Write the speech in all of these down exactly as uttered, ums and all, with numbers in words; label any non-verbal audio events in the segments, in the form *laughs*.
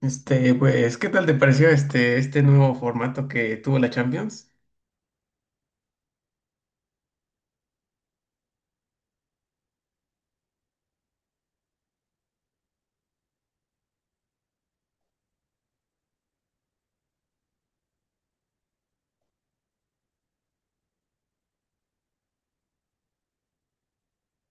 Este, pues, ¿qué tal te pareció este, este nuevo formato que tuvo la Champions?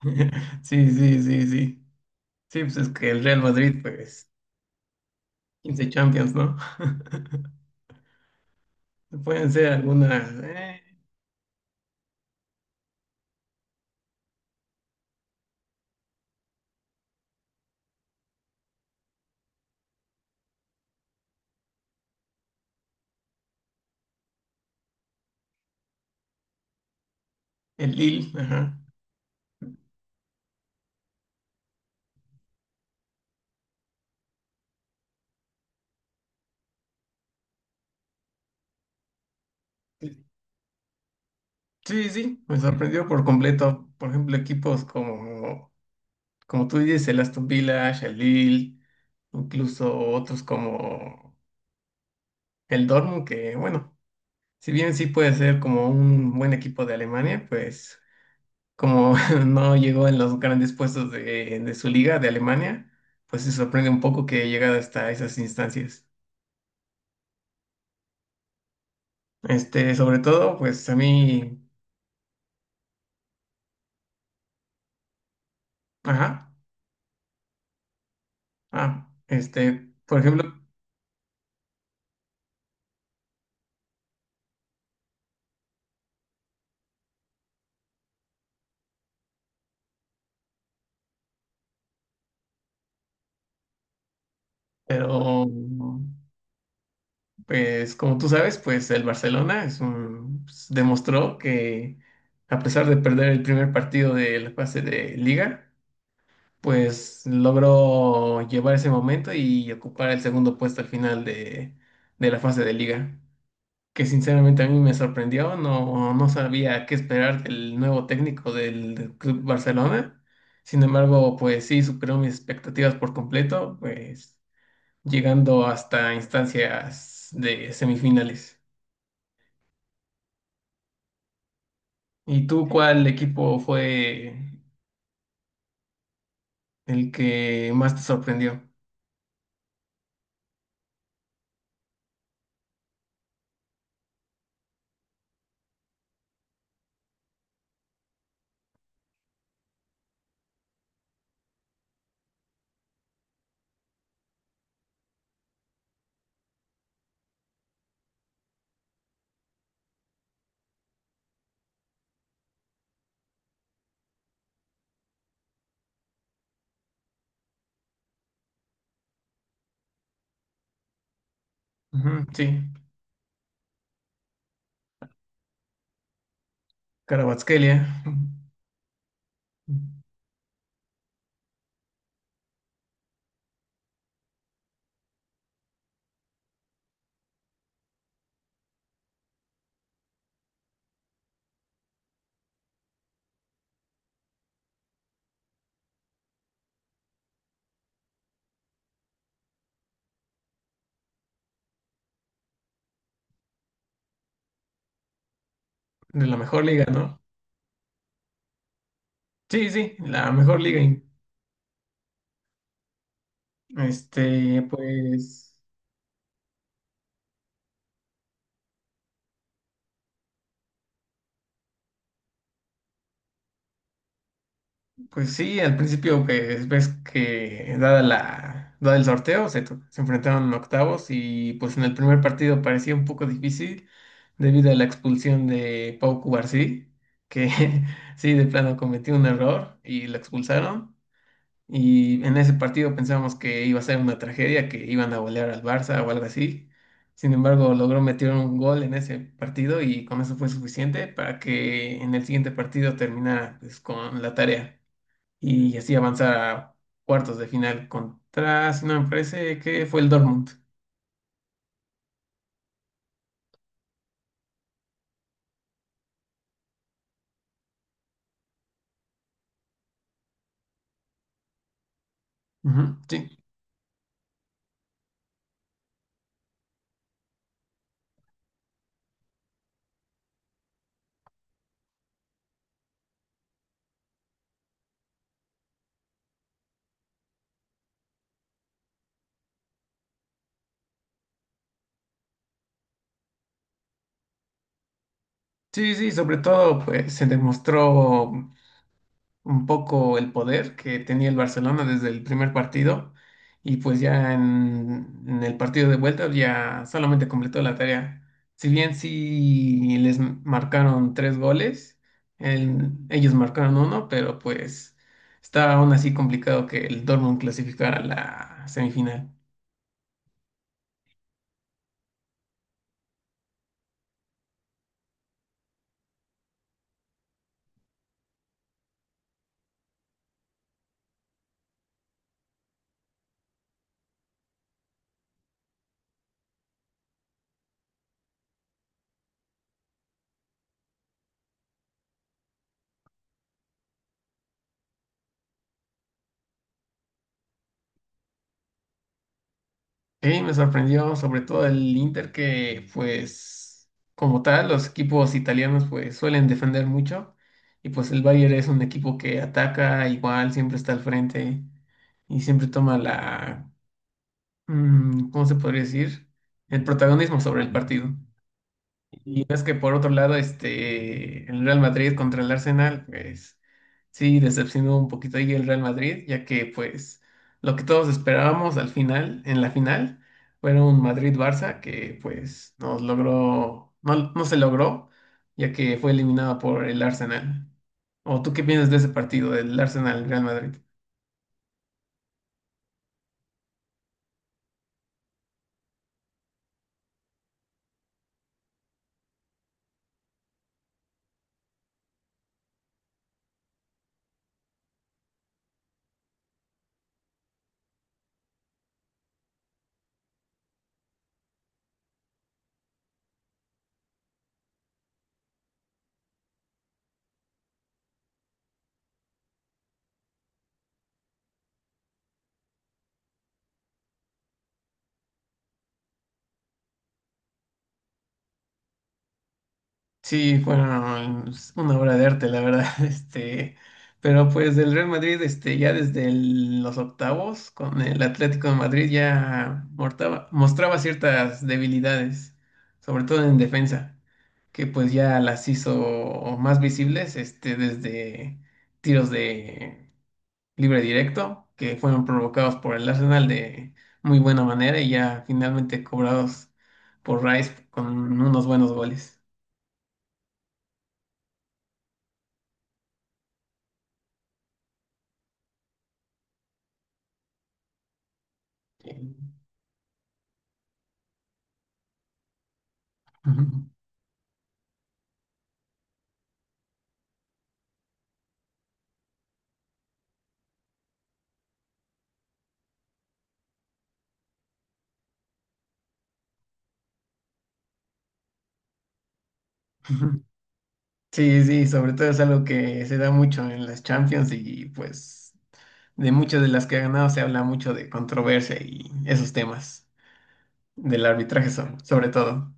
*laughs* Sí, sí, sí, sí. Sí, pues es que el Real Madrid, pues, quince Champions, ¿no? *laughs* Pueden ser algunas, eh, el Lille, ajá. Sí, sí, me sorprendió por completo. Por ejemplo, equipos como, como tú dices, el Aston Villa, el Lille, incluso otros como el Dortmund, que bueno, si bien sí puede ser como un buen equipo de Alemania, pues como *laughs* no llegó en los grandes puestos de, de su liga de Alemania, pues se sorprende un poco que haya llegado hasta esas instancias. Este, sobre todo, pues a mí, ajá, ah, este, por ejemplo, pero pues como tú sabes, pues el Barcelona es un- pues, demostró que a pesar de perder el primer partido de la fase de liga, pues logró llevar ese momento y ocupar el segundo puesto al final de, de la fase de liga, que sinceramente a mí me sorprendió, no, no sabía qué esperar del nuevo técnico del, del Club Barcelona. Sin embargo, pues sí superó mis expectativas por completo, pues llegando hasta instancias de semifinales. ¿Y tú cuál equipo fue el que más te sorprendió? Ujú, sí, Kvaratskhelia, de la mejor liga, ¿no? Sí, sí, la mejor liga. Este, pues, pues sí, al principio pues ves que dada la, dada el sorteo, se, to- se enfrentaron en octavos y pues en el primer partido parecía un poco difícil debido a la expulsión de Pau Cubarsí, que *laughs* sí, de plano cometió un error y lo expulsaron. Y en ese partido pensábamos que iba a ser una tragedia, que iban a golear al Barça o algo así. Sin embargo, logró meter un gol en ese partido y con eso fue suficiente para que en el siguiente partido terminara, pues, con la tarea y así avanzar a cuartos de final contra, si no me parece, que fue el Dortmund. Ujú. Sí, sí, sí, sobre todo pues se demostró un poco el poder que tenía el Barcelona desde el primer partido, y pues ya en, en el partido de vuelta ya solamente completó la tarea. Si bien sí les marcaron tres goles, el- ellos marcaron uno, pero pues está aún así complicado que el Dortmund clasificara a la semifinal. Sí, me sorprendió sobre todo el Inter, que pues como tal los equipos italianos pues suelen defender mucho, y pues el Bayern es un equipo que ataca igual, siempre está al frente y siempre toma la, mm, ¿cómo se podría decir? El protagonismo sobre el partido. Y ves que por otro lado, este, el Real Madrid contra el Arsenal, pues sí, decepcionó un poquito ahí el Real Madrid, ya que pues lo que todos esperábamos al final, en la final, fue un Madrid-Barça que pues nos logró, no, no se logró, ya que fue eliminado por el Arsenal. ¿O tú qué piensas de ese partido, del Arsenal-Real Madrid? Sí, fueron, pues, una obra de arte, la verdad, *laughs* este, pero pues el Real Madrid, este, ya desde el- los octavos con el Atlético de Madrid ya mortaba- mostraba ciertas debilidades, sobre todo en defensa, que pues ya las hizo más visibles, este, desde tiros de libre directo, que fueron provocados por el Arsenal de muy buena manera y ya finalmente cobrados por Rice con unos buenos goles. Ujú. Ujú. Sí, sí, sobre todo es algo que se da mucho en las Champions, y pues de muchas de las que ha ganado se habla mucho de controversia y esos temas del arbitraje so- sobre todo.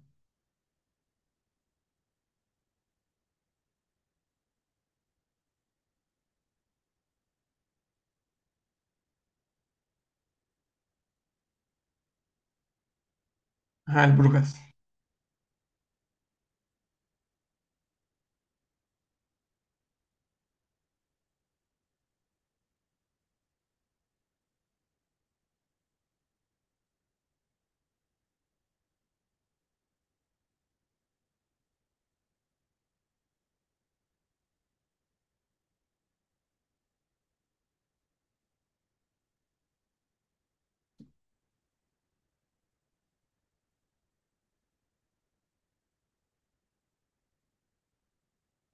Ajá, el Brujas.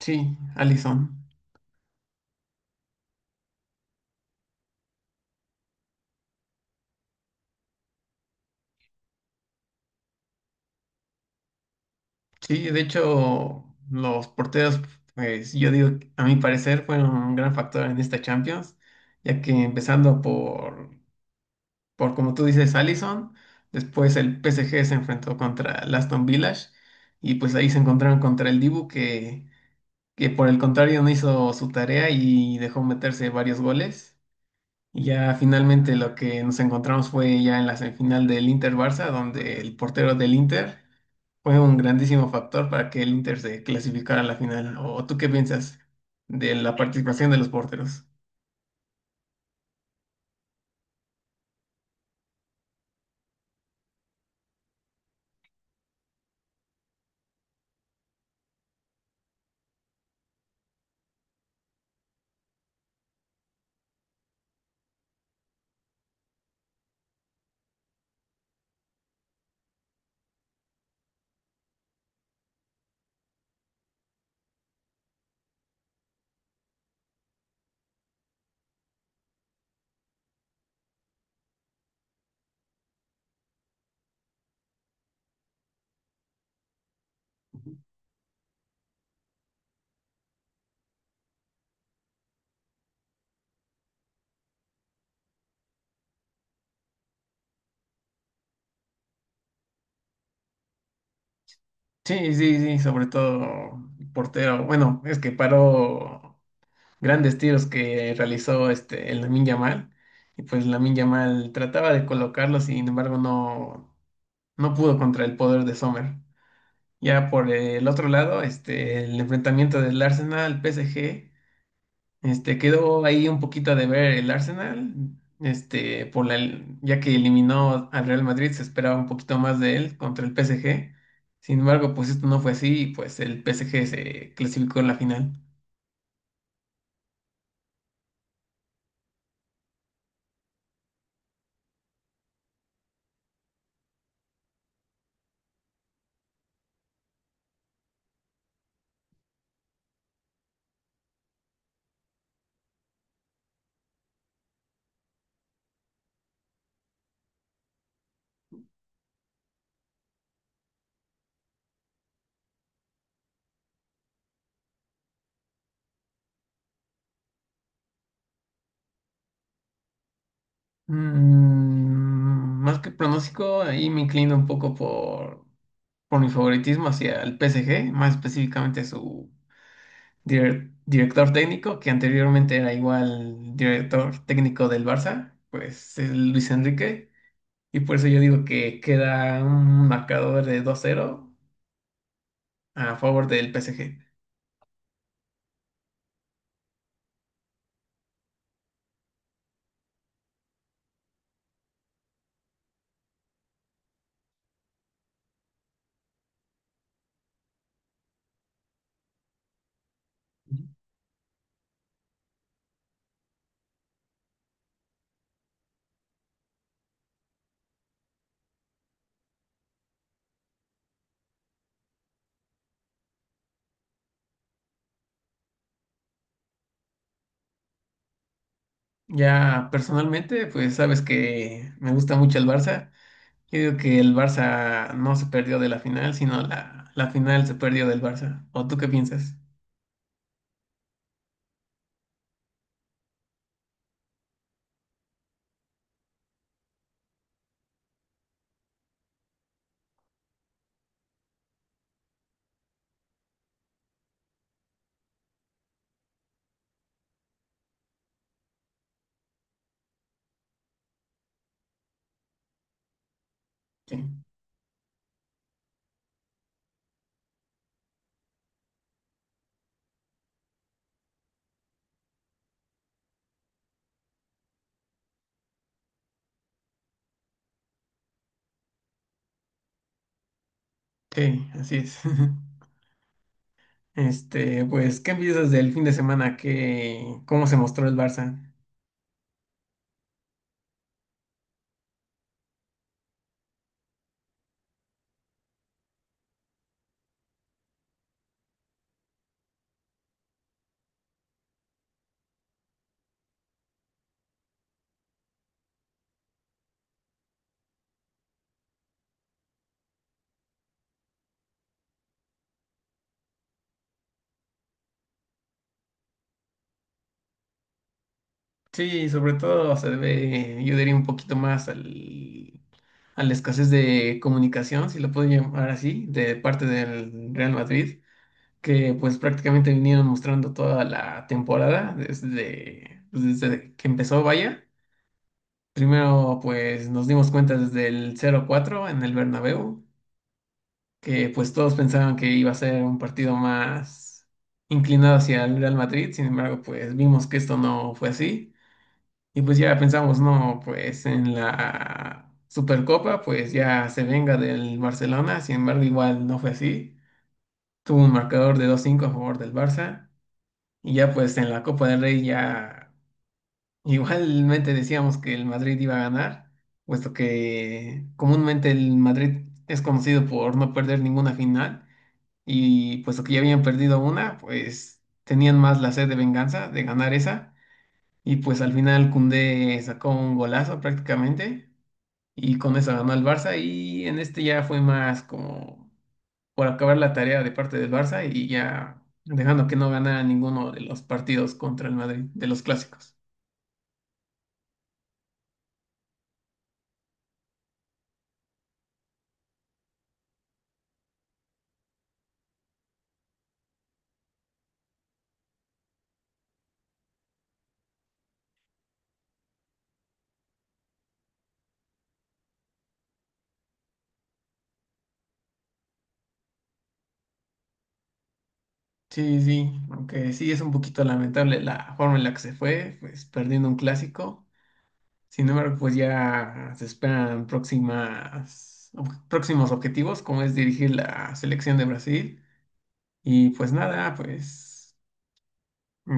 Sí, Alisson. Sí, de hecho los porteros, pues yo digo, a mi parecer fueron un gran factor en esta Champions, ya que empezando por por como tú dices, Allison. Después el P S G se enfrentó contra el Aston Villa y pues ahí se encontraron contra el Dibu, que, que por el contrario no hizo su tarea y dejó meterse varios goles. Y ya finalmente lo que nos encontramos fue ya en la semifinal del Inter-Barça, donde el portero del Inter fue un grandísimo factor para que el Inter se clasificara a la final. ¿O tú qué piensas de la participación de los porteros? Sí, sí, sí, sobre todo portero. Bueno, es que paró grandes tiros que realizó este, el Lamine Yamal. Y pues Lamine Yamal trataba de colocarlo, sin embargo, no, no pudo contra el poder de Sommer. Ya por el otro lado, este, el enfrentamiento del Arsenal P S G, este, quedó ahí un poquito de ver el Arsenal, este, por la, ya que eliminó al Real Madrid, se esperaba un poquito más de él contra el P S G. Sin embargo, pues esto no fue así y pues el P S G se clasificó en la final. Mm, más que pronóstico, ahí me inclino un poco por, por mi favoritismo hacia el P S G, más específicamente su dir- director técnico, que anteriormente era igual director técnico del Barça, pues es Luis Enrique, y por eso yo digo que queda un marcador de dos cero a favor del P S G. Ya personalmente, pues sabes que me gusta mucho el Barça. Yo digo que el Barça no se perdió de la final, sino la, la final se perdió del Barça. ¿O tú qué piensas? Sí, sí, así es. *laughs* Este, pues, ¿qué piensas del fin de semana? ¿Qué, cómo se mostró el Barça? Sí, sobre todo se debe, yo diría, un poquito más al, a la escasez de comunicación, si lo puedo llamar así, de parte del Real Madrid, que pues prácticamente vinieron mostrando toda la temporada desde, pues, desde que empezó, vaya. Primero, pues nos dimos cuenta desde el cero cuatro en el Bernabéu, que pues todos pensaban que iba a ser un partido más inclinado hacia el Real Madrid, sin embargo, pues vimos que esto no fue así. Y pues ya pensamos, no, pues en la Supercopa, pues ya se venga del Barcelona, sin embargo, igual no fue así. Tuvo un marcador de dos cinco a favor del Barça. Y ya pues en la Copa del Rey ya igualmente decíamos que el Madrid iba a ganar, puesto que comúnmente el Madrid es conocido por no perder ninguna final, y puesto que ya habían perdido una, pues tenían más la sed de venganza de ganar esa, y pues al final Koundé sacó un golazo prácticamente y con eso ganó el Barça, y en este ya fue más como por acabar la tarea de parte del Barça y ya dejando que no ganara ninguno de los partidos contra el Madrid, de los clásicos. Sí, sí, aunque sí es un poquito lamentable la forma en la que se fue, pues perdiendo un clásico. Sin embargo, pues ya se esperan próximas, ob- próximos objetivos, como es dirigir la selección de Brasil. Y pues nada, pues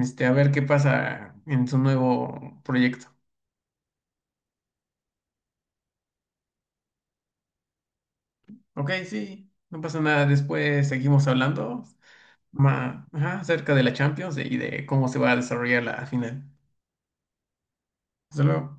este, a ver qué pasa en su nuevo proyecto. Ok, sí, no pasa nada. Después seguimos hablando ma- ajá, acerca de la Champions y de cómo se va a desarrollar la final. Hasta luego.